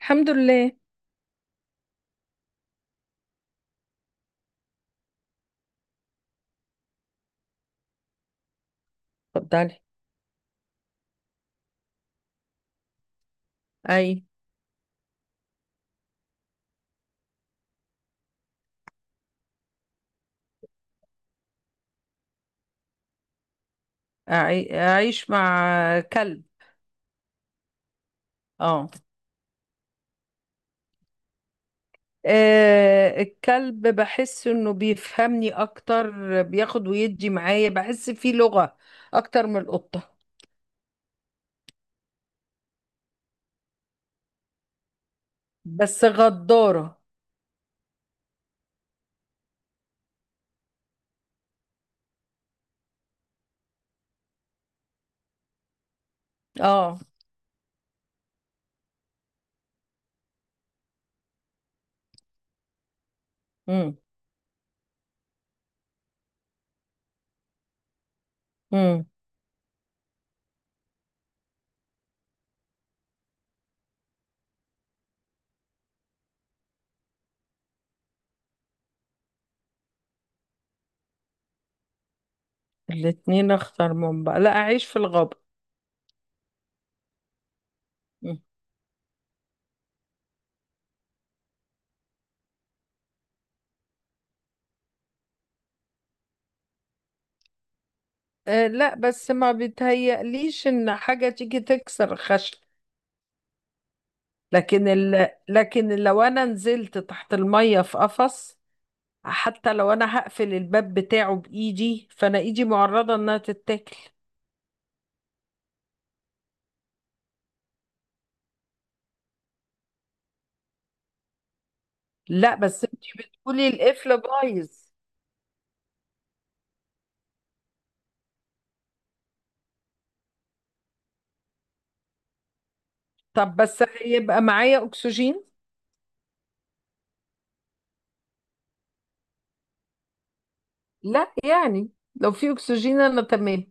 الحمد لله. اتفضلي. اي. اعيش مع كلب. اه. الكلب بحس انه بيفهمني اكتر. بياخد ويدي معايا، بحس فيه لغة اكتر من القطة. بس غدارة. اه. امم. امم. الاتنين اخطر من بعض، لا اعيش في الغابة. مم. آه لا، بس ما بيتهيأليش ان حاجة تيجي تكسر الخشب. لكن لو انا نزلت تحت المية في قفص، حتى لو انا هقفل الباب بتاعه بايدي، فانا ايدي معرضة انها تتاكل. لا، بس انت بتقولي القفل بايظ. طب بس هيبقى معايا اكسجين. لا يعني. لو في اكسجين، انا تمام.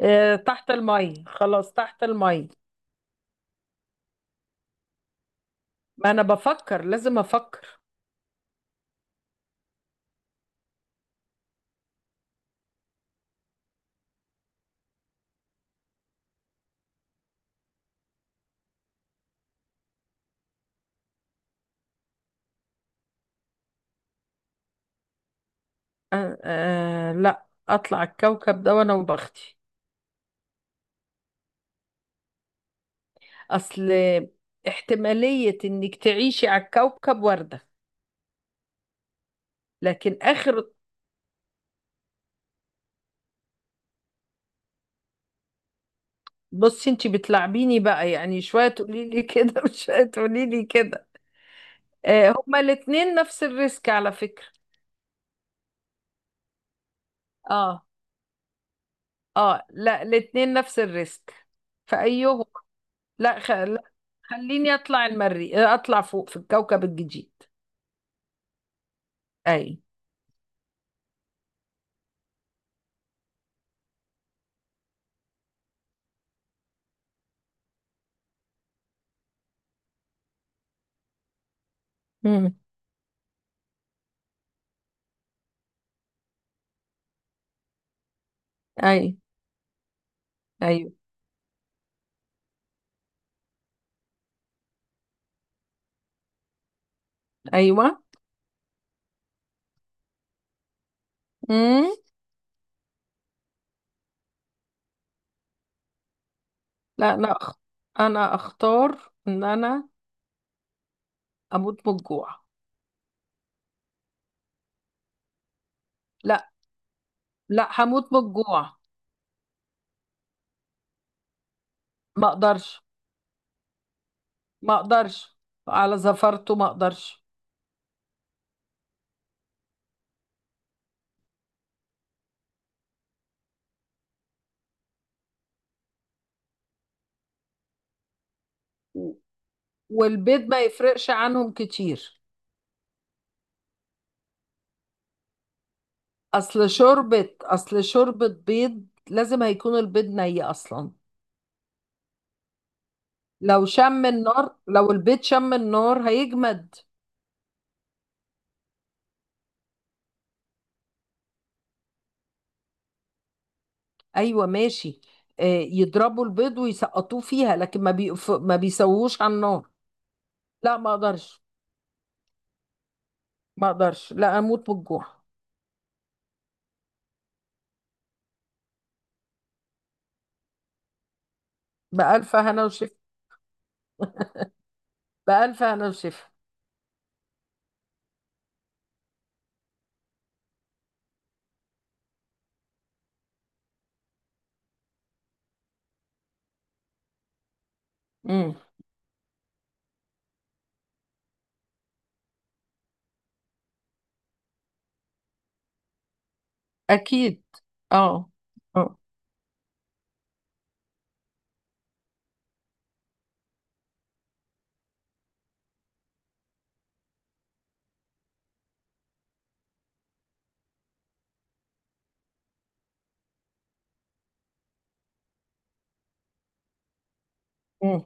آه، تحت المية، خلاص تحت المية. ما انا بفكر، لازم افكر. آه آه، لا اطلع الكوكب ده وانا وبختي. اصل احتمالية انك تعيشي على الكوكب وردة. لكن اخر بصي انتي بتلعبيني بقى، يعني شوية تقولي لي كده وشوية تقولي لي كده. آه، هما الاتنين نفس الريسك على فكرة. اه اه، لا الاتنين نفس الريسك. فأيهم؟ لا، لا. خليني اطلع المري آه، اطلع فوق في الكوكب الجديد. اي. مم. اي. ايوه. ايوه. مم. لا، انا اختار ان انا اموت من الجوع. لا لا، هموت من الجوع. ما اقدرش. ما اقدرش على زفرته. ما اقدرش. والبيض ما يفرقش عنهم كتير. اصل شوربة بيض لازم هيكون البيض ني اصلا. لو البيض شم النار هيجمد. ايوه ماشي. آه، يضربوا البيض ويسقطوه فيها، لكن ما بيسووش على النار. لا، ما اقدرش. ما اقدرش، لا اموت من الجوع. بألف هنا وشفا. بألف هنا وشفا. امم. اكيد. اه. اه. مم.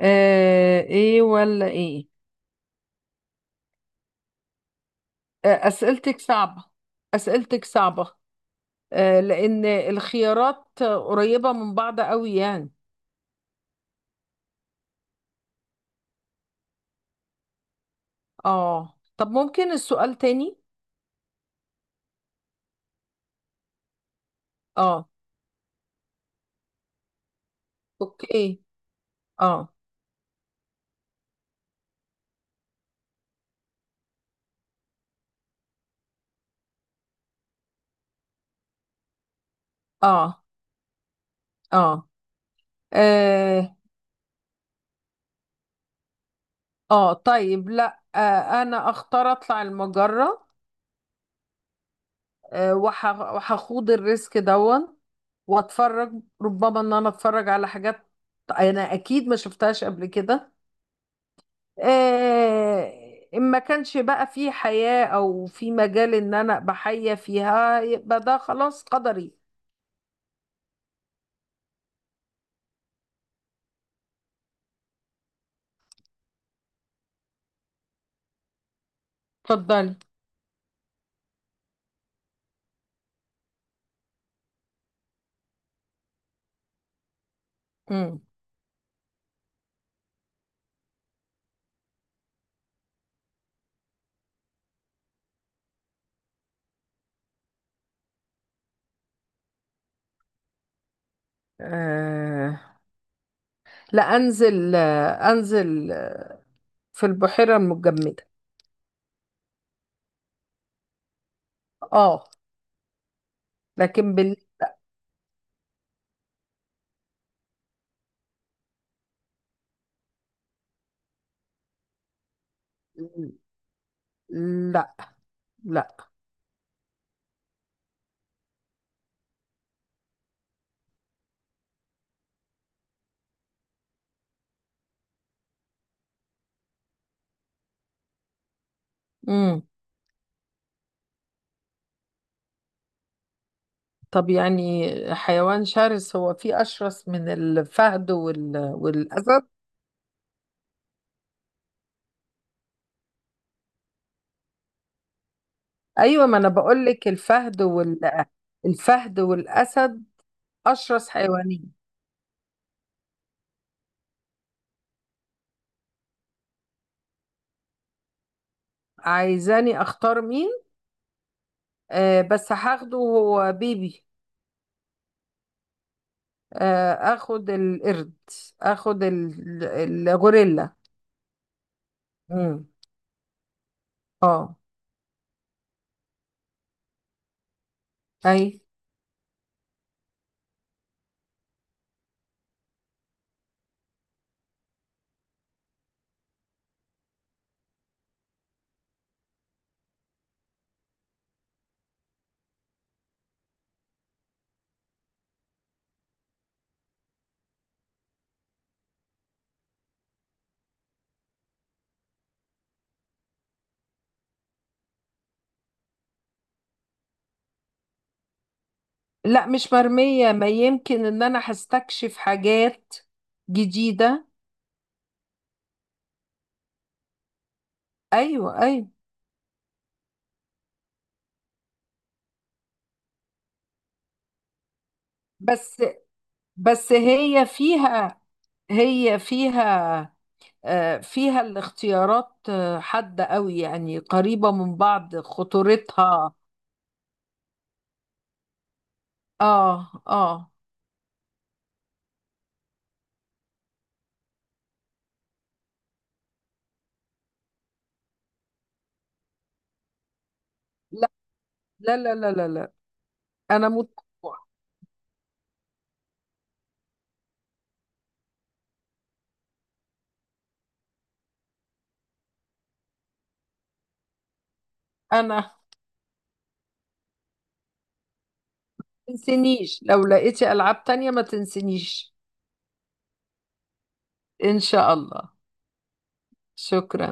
آه، ايه ولا ايه؟ آه، أسئلتك صعبة. أسئلتك صعبة، لأن الخيارات قريبة من بعض قوي يعني. اه، طب ممكن السؤال تاني. اه. اوكي. اه. اه. اه اه. طيب لا، أنا أختار أطلع المجرة. وهخوض الريسك دون. وأتفرج. ربما إن أنا أتفرج على حاجات أنا أكيد ما شفتهاش قبل كده. آه، إن ما كانش بقى في حياة أو في مجال إن أنا أبقى حية فيها، يبقى ده خلاص قدري. اتفضلي. مم. آه، لا أنزل في البحيرة المجمدة. آه. لكن بال... لا. لا. مم. طب يعني حيوان شرس، هو فيه أشرس من والأسد؟ أيوة، ما أنا بقول لك الفهد والأسد، أشرس حيوانين. عايزاني اختار مين؟ آه، بس هاخده هو بيبي. آه، اخد القرد. اخد الغوريلا. امم. اه. اي. لا، مش مرمية، ما يمكن ان انا هستكشف حاجات جديدة. ايوه ايوه. بس بس هي فيها، هي فيها فيها الاختيارات حادة قوي يعني، قريبة من بعض خطورتها. اه. اه. لا لا لا لا لا لا. انا مت... انا ما تنسينيش، لو لقيتي العاب تانية ما تنسينيش. ان شاء الله. شكرا.